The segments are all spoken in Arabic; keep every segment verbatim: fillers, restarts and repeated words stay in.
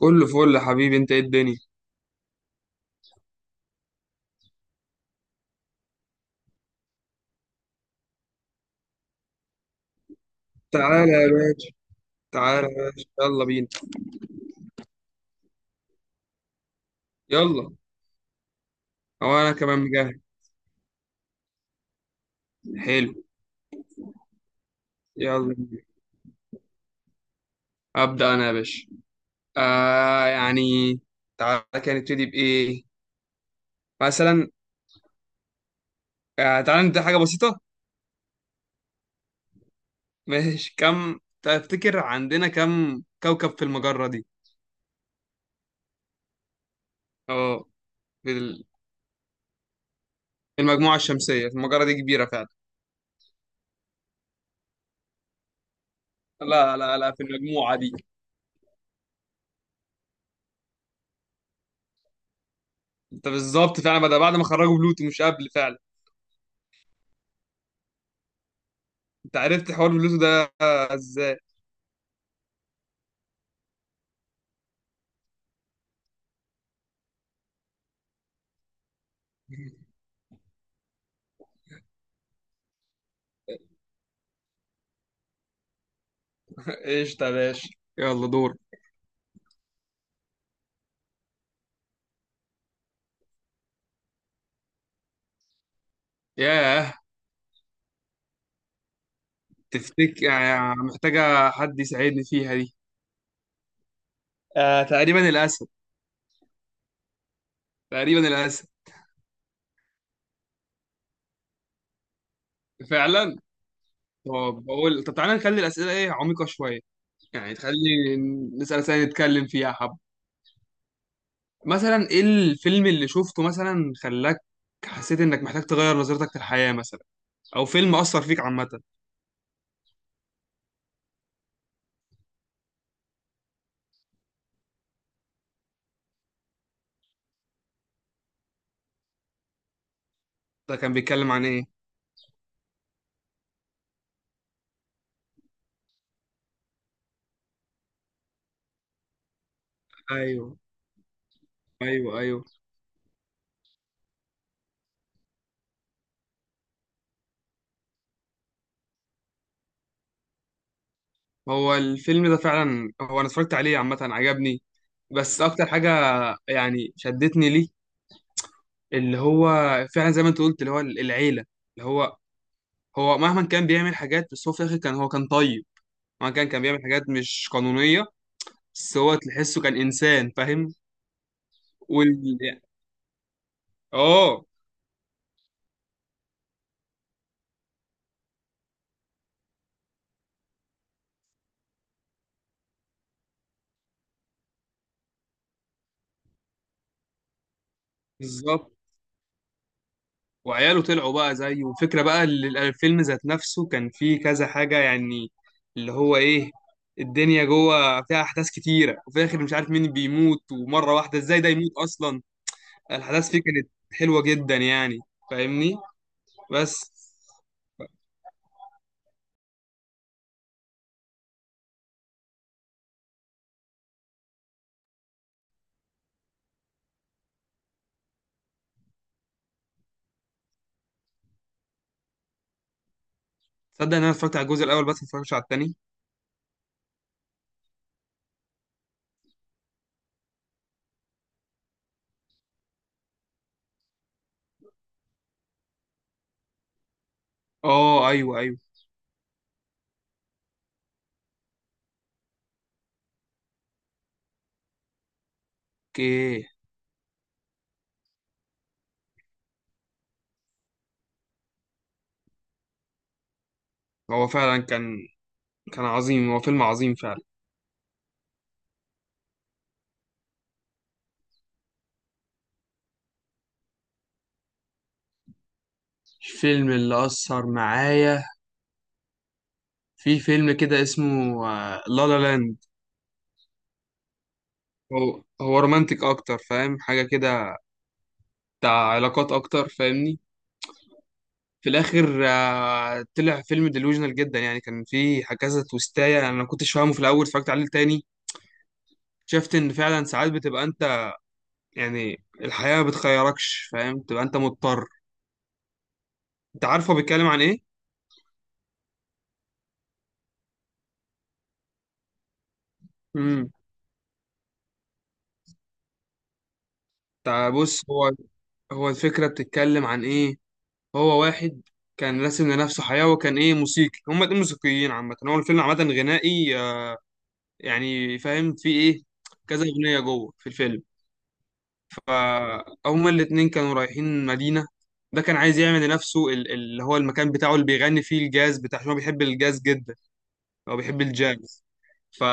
كله فل يا حبيبي، انت ايه الدنيا؟ تعالى يا باشا، تعالى يا باشا، يلا بينا. يلا، هو انا كمان مجهز. حلو. يلا بينا. ابدا انا يا باشا. آه يعني تعالى كده نبتدي بايه؟ مثلا، آه تعالى نبدا حاجه بسيطه. ماشي. كم تفتكر عندنا كم كوكب في المجره دي؟ اه، في ال- في المجموعه الشمسيه. في المجره دي كبيره فعلا. لا لا لا، في المجموعه دي. انت بالظبط فعلا. بعد بعد ما خرجوا بلوتو مش قبل فعلا. انت عرفت حوار بلوتو ده ازاي؟ ايش يا باشا، يلا دور. ياه، تفتك يعني محتاجة حد يساعدني فيها دي. آه، تقريبا الأسد. تقريبا الأسد. فعلا. طب بقول، طب تعالى نخلي الأسئلة إيه، عميقة شوية. يعني تخلي نسأل أسئلة نتكلم فيها حب. مثلا إيه الفيلم اللي شفته مثلا خلاك حسيت إنك محتاج تغير نظرتك للحياة، مثلا، أو فيلم أثر فيك عامة. ده كان بيتكلم عن إيه؟ أيوه، أيوه، أيوه. هو الفيلم ده فعلا، هو انا اتفرجت عليه عامه عجبني. بس اكتر حاجه يعني شدتني ليه، اللي هو فعلا زي ما انت قلت، اللي هو العيله. اللي هو هو مهما كان بيعمل حاجات، بس هو في الاخر كان، هو كان طيب. مهما كان كان بيعمل حاجات مش قانونيه، بس هو تحسه كان انسان فاهم. وال اه، بالظبط. وعياله طلعوا بقى زيه، والفكرة بقى، ال- الفيلم ذات نفسه كان فيه كذا حاجة يعني. اللي هو إيه، الدنيا جوه فيها أحداث كتيرة، وفي الآخر مش عارف مين بيموت ومرة واحدة إزاي ده يموت أصلا. الأحداث فيه كانت حلوة جدا يعني، فاهمني؟ بس تصدق إن أنا اتفرجت على الجزء الأول بس، ما اتفرجتش على التاني. آه، أيوه، أيوه، أوكي. هو فعلا كان، كان عظيم، هو فيلم عظيم فعلا. الفيلم اللي أثر معايا، في فيلم كده اسمه لا لا لاند. هو هو رومانتك اكتر، فاهم حاجه كده، بتاع علاقات اكتر، فاهمني؟ في الاخر آه، طلع فيلم ديلوجنال جدا يعني. كان فيه كذا تويستايه انا ما كنتش فاهمه في الاول، اتفرجت عليه تاني، شفت ان فعلا ساعات بتبقى انت، يعني الحياه ما بتخيركش، فاهم؟ تبقى انت مضطر. انت عارفه بيتكلم عن ايه؟ امم، بص، هو هو الفكره بتتكلم عن ايه، هو واحد كان راسم لنفسه حياه، وكان ايه، موسيقي. هما الاتنين موسيقيين عامه. هو الفيلم عامه غنائي، يعني فاهم في ايه، كذا اغنيه جوه في الفيلم. فهما الاتنين كانوا رايحين مدينه. ده كان عايز يعمل لنفسه ال- اللي هو المكان بتاعه اللي بيغني فيه الجاز بتاع، عشان هو بيحب الجاز جدا، هو بيحب الجاز. ف-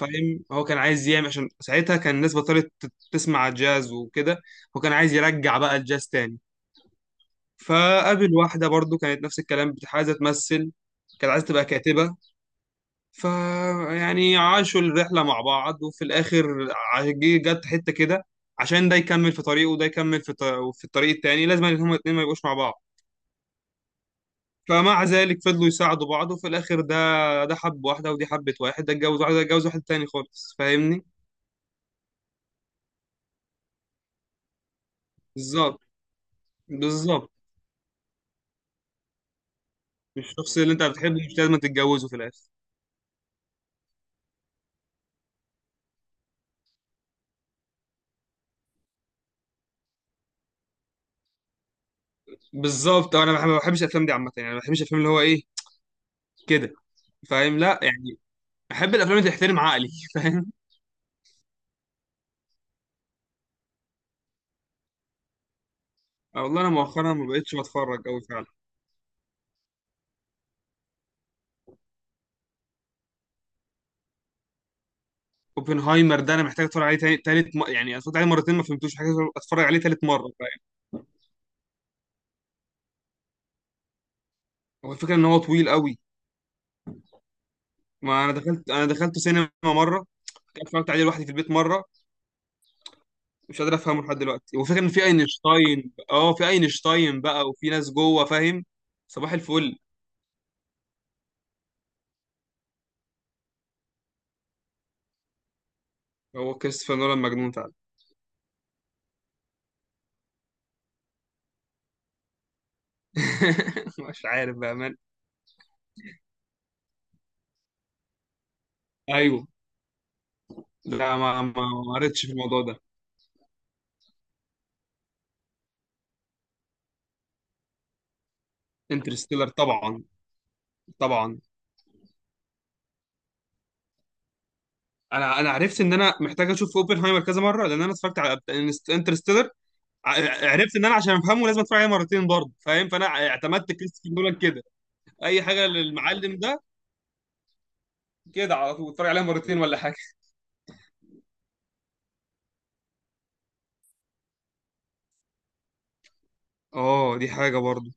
فاهم، هو كان عايز يعمل، عشان ساعتها كان الناس بطلت ت- تسمع جاز وكده، هو كان عايز يرجع بقى الجاز تاني. فقابل واحدة برضو كانت نفس الكلام، بت- عايزة تمثل، كانت عايزة تبقى كاتبة. فيعني عاشوا الرحلة مع بعض، وفي الآخر ع- جه- جت حتة كده عشان ده يكمل في طريقه، وده يكمل في ط- في الطريق التاني، لازم إن هما الاتنين ما يبقوش مع بعض. فمع ذلك فضلوا يساعدوا بعض، وفي الآخر ده، ده حب واحدة ودي حبت واحد، ده اتجوز واحدة ده اتجوز واحد تاني خالص، فاهمني؟ بالظبط، بالظبط. الشخص اللي أنت بتحبه مش لازم تتجوزه في الآخر. بالظبط. أنا ما بحبش الأفلام دي عامة، يعني ما بحبش الأفلام اللي هو إيه كده، فاهم؟ لا يعني، أحب الأفلام اللي تحترم عقلي. فاهم؟ والله أنا مؤخرا ما بقتش بتفرج أوي. اوبنهايمر ده انا محتاج اتفرج عليه تاني تالت، م... يعني اتفرج عليه مرتين ما فهمتوش، محتاج اتفرج عليه تالت مره، فاهم؟ هو الفكره ان هو طويل قوي. ما انا دخلت انا دخلت سينما مره، اتفرجت عليه لوحدي في البيت مره، مش قادر افهمه لحد دلوقتي. وفكره ان في اينشتاين اه في اينشتاين بقى، وفي ناس جوه، فاهم؟ صباح الفل. هو كريستوفر نولان مجنون فعلا. مش عارف بقى من. ايوه. لا، ما ما ما قريتش في الموضوع ده. انترستيلر طبعا، طبعا. انا انا عرفت ان انا محتاج اشوف اوبنهايمر كذا مره، لان انا اتفرجت على انترستيلر، ع- عرفت ان انا عشان افهمه لازم اتفرج عليه مرتين برضه، فاهم؟ فانا اعتمدت كريستوفر نولان كده اي حاجه للمعلم ده، كده على طول اتفرج عليها مرتين ولا حاجه. اه، دي حاجه برضه.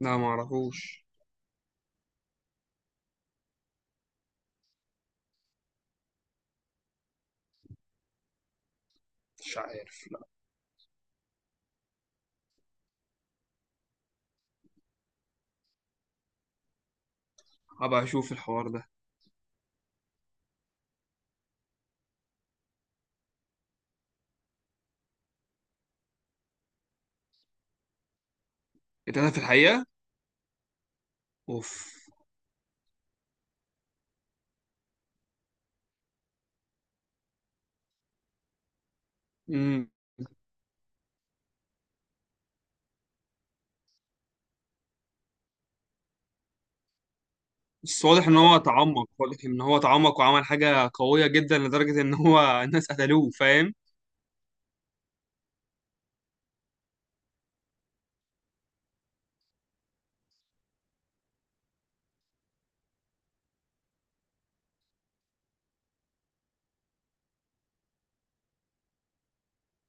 لا، ما اعرفوش. مش عارف، لا. هبقى اشوف الحوار ده. اتقتل في الحقيقه؟ اوف. امم، بس واضح ان هو تعمق، واضح ان هو تعمق وعمل حاجه قويه جدا لدرجه ان هو الناس قتلوه، فاهم؟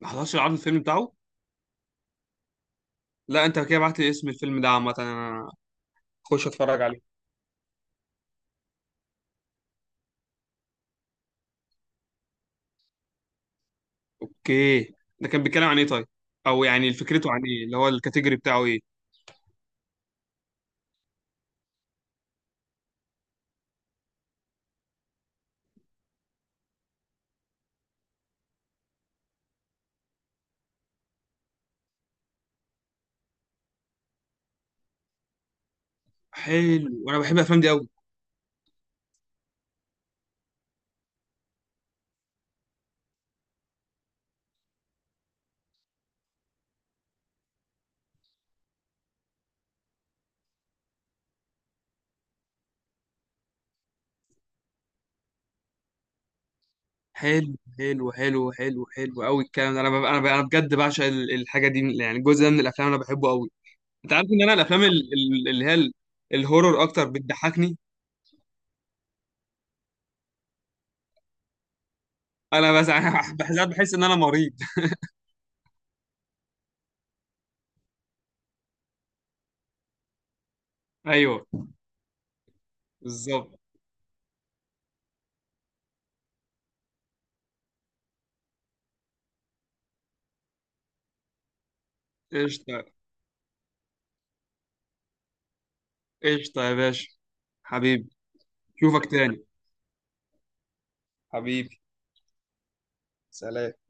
ما حضرش العرض الفيلم بتاعه؟ لا انت كده بعت لي اسم الفيلم ده عامه، انا اخش اتفرج عليه. اوكي. ده كان بيتكلم عن ايه طيب؟ او يعني فكرته عن ايه، اللي هو الكاتيجوري بتاعه ايه؟ حلو، وانا بحب الافلام دي قوي. حلو حلو حلو حلو حلو، قوي الكلام ده. انا ببقى انا ببقى انا بجد بعشق ال- الحاجه دي، من- يعني الجزء ده من الافلام انا بحبه قوي. انت عارف ان انا الافلام ال- ال- اللي هي ال- الهورر اكتر بتضحكني. انا بس بحس بحس ان انا مريض. ايوه، بالظبط. قشطه، قشطه يا باشا، حبيبي. اشوفك تاني، حبيبي. سلام